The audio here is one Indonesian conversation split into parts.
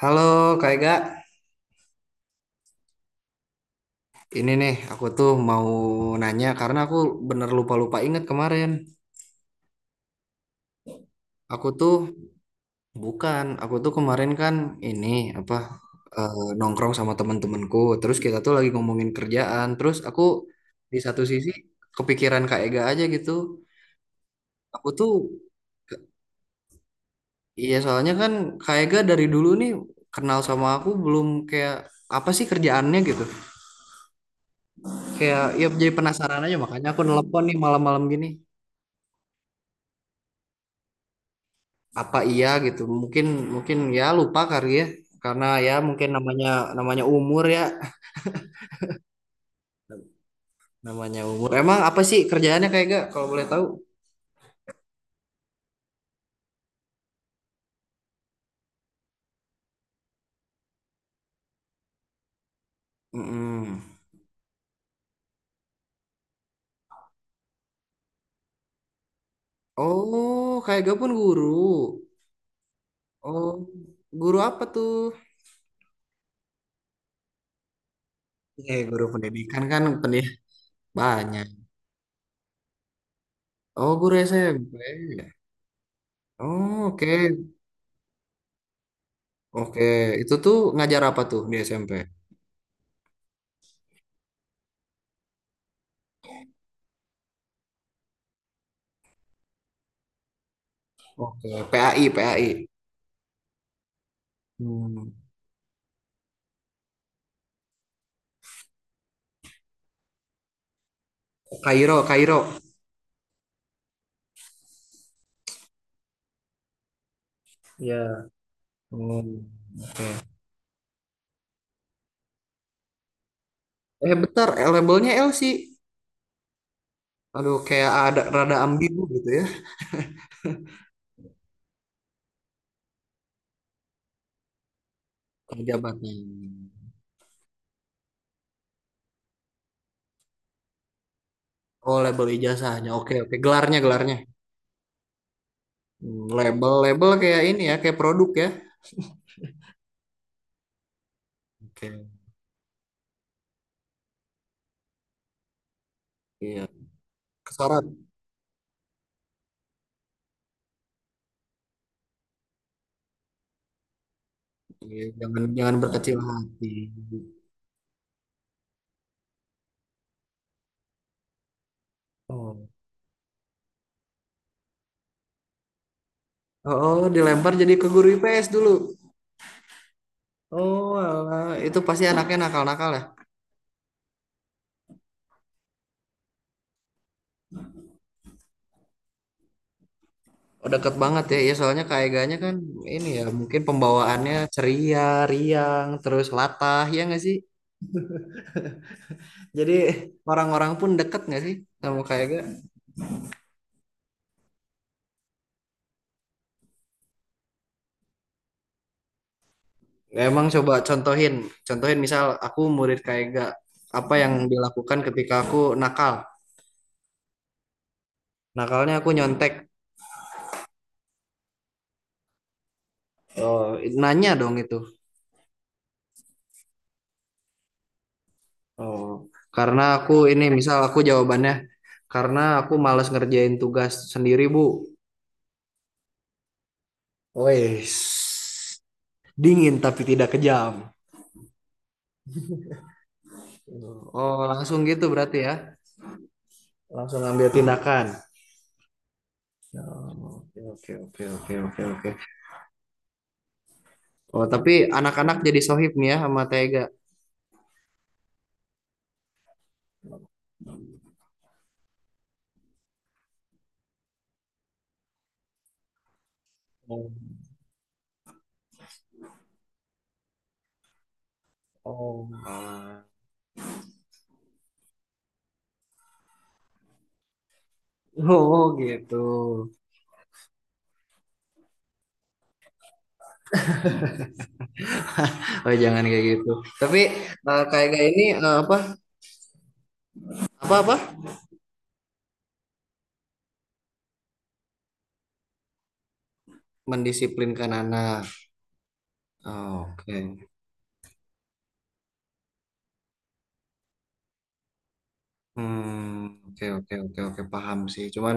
Halo Kak Ega, ini nih aku tuh mau nanya karena aku bener lupa-lupa inget kemarin. Aku tuh bukan, aku tuh kemarin kan ini apa nongkrong sama temen-temenku. Terus kita tuh lagi ngomongin kerjaan. Terus aku di satu sisi kepikiran Kak Ega aja gitu. Aku tuh iya soalnya kan Kak Ega dari dulu nih kenal sama aku belum kayak apa sih kerjaannya gitu. Kayak ya jadi penasaran aja makanya aku nelpon nih malam-malam gini. Apa iya gitu mungkin mungkin ya lupa kali ya karena ya mungkin namanya namanya umur ya namanya umur emang apa sih kerjaannya kayak gak kalau boleh tahu. Mm-mm. Oh kayak gak pun guru. Oh guru apa tuh guru pendidikan kan banyak. Oh guru SMP. Oh oke oke itu tuh ngajar apa tuh di SMP. Oke PAI PAI hmm. Kairo Kairo ya. Hmm, oke. Eh bentar, labelnya L sih. Aduh, kayak ada rada ambigu gitu ya. Eh, jabatan. Oh, label ijazahnya. Oke, oke. Gelarnya, gelarnya. Hmm, label, label kayak ini ya, kayak produk ya. Oke. Iya. Kesorot. Iya, jangan jangan berkecil hati. Oh. Oh, oh, dilempar jadi ke guru IPS dulu. Oh, alah. Itu pasti anaknya nakal-nakal ya. Oh, deket banget ya. Iya, soalnya Kak Eganya kan ini ya, mungkin pembawaannya ceria, riang, terus latah, ya nggak sih? Jadi orang-orang pun deket nggak sih sama Kak Ega? Emang coba contohin, contohin misal aku murid Kak Ega, apa yang dilakukan ketika aku nakal? Nakalnya aku nyontek. Oh, nanya dong itu. Oh, karena aku ini misal aku jawabannya karena aku malas ngerjain tugas sendiri, Bu. Wes. Dingin tapi tidak kejam. Oh, langsung gitu berarti ya. Langsung ambil tindakan. Oh, oke, oke, oke, oke, oke. Oh, tapi anak-anak jadi sohib nih ya sama Tega. Oh, oh. Ah. Oh gitu. Oh jangan kayak gitu. Tapi kayak gak ini apa apa apa mendisiplinkan anak. Oh, oke. Hmm, oke oke oke oke paham sih. Cuman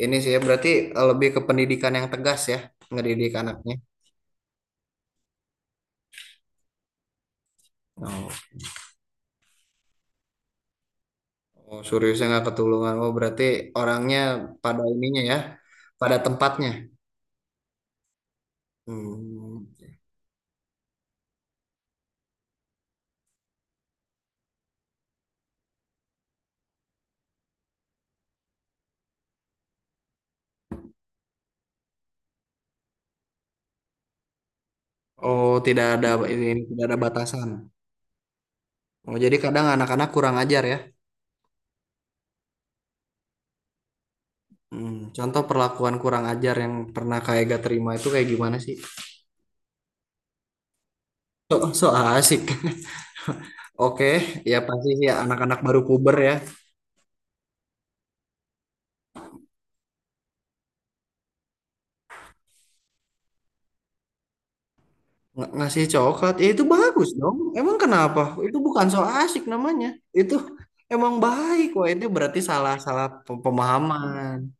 ini sih ya berarti lebih ke pendidikan yang tegas ya ngedidik anaknya. Oh, oh seriusnya nggak ketulungan. Oh berarti orangnya pada ininya ya, pada tempatnya. Hmm. Oh, tidak ada ini, tidak ada batasan. Oh, jadi kadang anak-anak kurang ajar ya. Hmm, contoh perlakuan kurang ajar yang pernah kayak gak terima itu kayak gimana sih? So, so asik. Oke, ya pasti sih ya, anak-anak baru puber ya. Ngasih coklat, ya itu bagus dong. Emang kenapa? Itu bukan so asik namanya. Itu emang baik. Wah, itu berarti salah-salah pemahaman.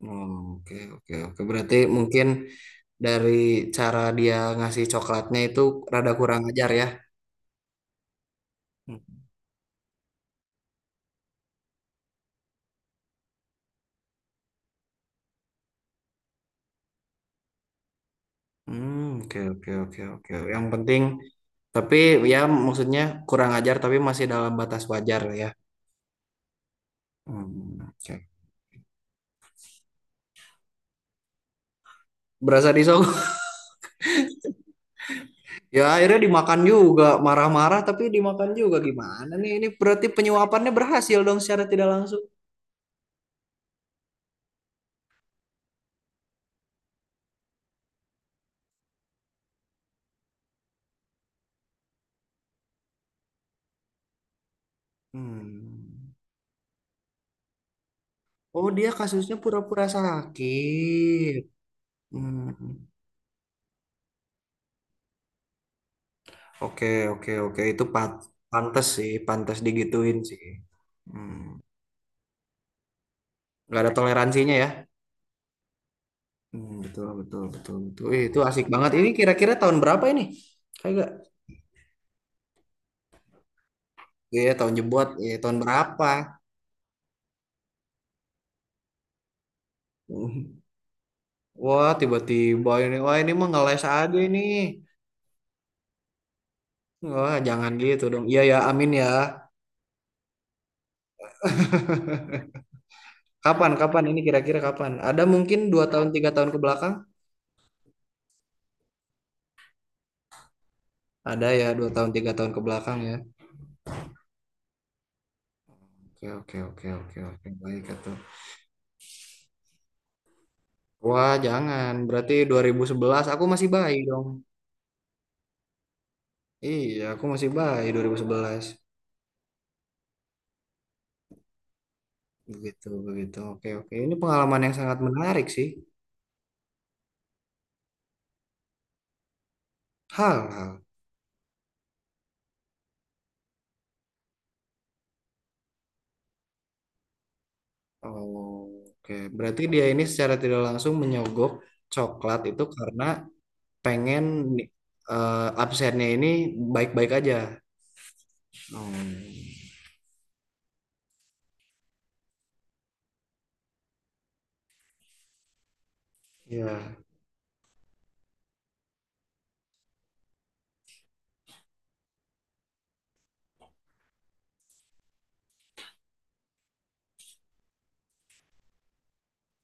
Hmm, oke, oke, oke. Berarti mungkin dari cara dia ngasih coklatnya itu rada kurang ajar ya. Hmm, oke oke oke oke. Yang penting tapi ya maksudnya kurang ajar tapi masih dalam batas wajar lah ya. Hmm, oke. Berasa disogok. Ya akhirnya dimakan juga, marah-marah tapi dimakan juga gimana nih? Ini berarti penyuapannya berhasil dong secara tidak langsung. Hmm. Oh, dia kasusnya pura-pura sakit. Hmm. Oke oke oke itu pantes sih, pantes digituin sih. Hmm. Gak ada toleransinya ya. Hmm, betul, betul, betul, betul. Wih, itu asik banget. Ini kira-kira tahun berapa ini? Kayak gak? Iya, tahun jebot. Iya, tahun berapa? Wah, tiba-tiba ini. Wah, ini mah ngeles aja ini. Wah, jangan gitu dong. Iya ya, amin ya. Kapan, kapan? Ini kira-kira kapan? Ada mungkin dua tahun, tiga tahun ke belakang? Ada ya, dua tahun, tiga tahun ke belakang ya. Oke, oke, oke, oke, oke. Baik, itu. Wah, jangan. Berarti 2011 aku masih bayi dong. Iya, aku masih bayi 2011. Begitu, begitu. Oke, oke. Ini pengalaman yang sangat menarik sih. Hal, hal. Oh, oke, berarti dia ini secara tidak langsung menyogok coklat itu karena pengen absennya ini baik-baik aja. Oh, ya.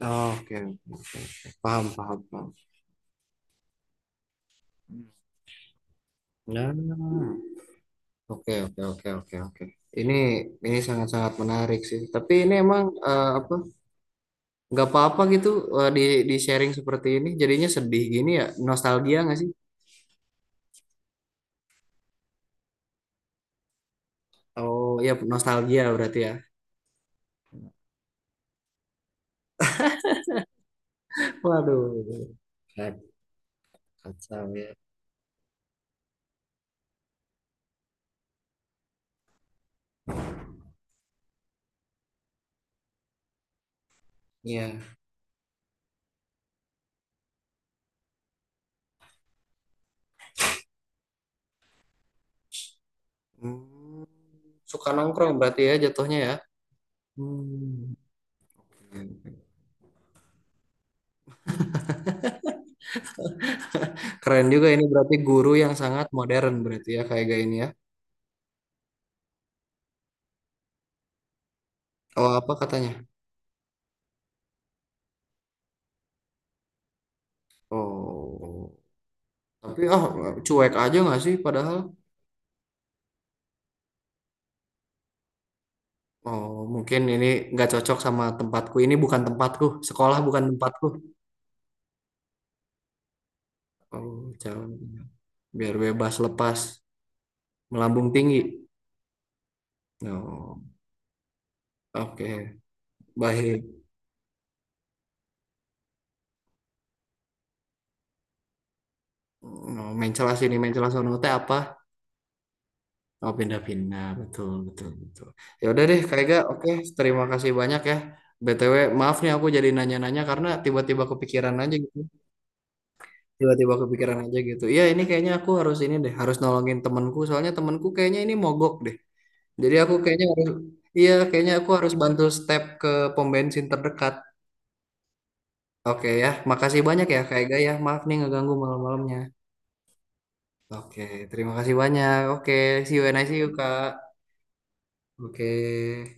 Oke, paham, paham, paham. Nah, oke, oke, oke, oke, oke. Ini ini sangat-sangat menarik sih. Tapi ini emang apa? Nggak apa-apa gitu eh, di di sharing seperti ini. Jadinya sedih gini ya. Nostalgia nggak sih? Oh ya nostalgia berarti ya. Waduh, kan, kacau ya. Ya. Hmm, suka nongkrong berarti ya jatuhnya ya. Hmm. Keren juga ini berarti guru yang sangat modern berarti ya kayak gaya ini ya. Oh apa katanya? Oh tapi oh cuek aja nggak sih padahal. Oh mungkin ini nggak cocok sama tempatku. Ini bukan tempatku. Sekolah bukan tempatku. Oh jauh. Biar bebas lepas melambung tinggi. Oh oke. Baik, mencela sini mencela sono teh apa, oh pindah-pindah, betul betul betul. Ya udah deh Kak Ega, oke, terima kasih banyak ya. BTW, maaf nih aku jadi nanya-nanya karena tiba-tiba kepikiran aja gitu. Tiba-tiba kepikiran aja gitu, iya, ini kayaknya aku harus ini deh, harus nolongin temanku, soalnya temanku kayaknya ini mogok deh, jadi aku kayaknya harus, iya kayaknya aku harus bantu step ke pom bensin terdekat. Oke ya, makasih banyak ya Kak Ega ya, maaf nih ngeganggu malam-malamnya. Oke, terima kasih banyak. Oke, see you and I see you, Kak. Oke.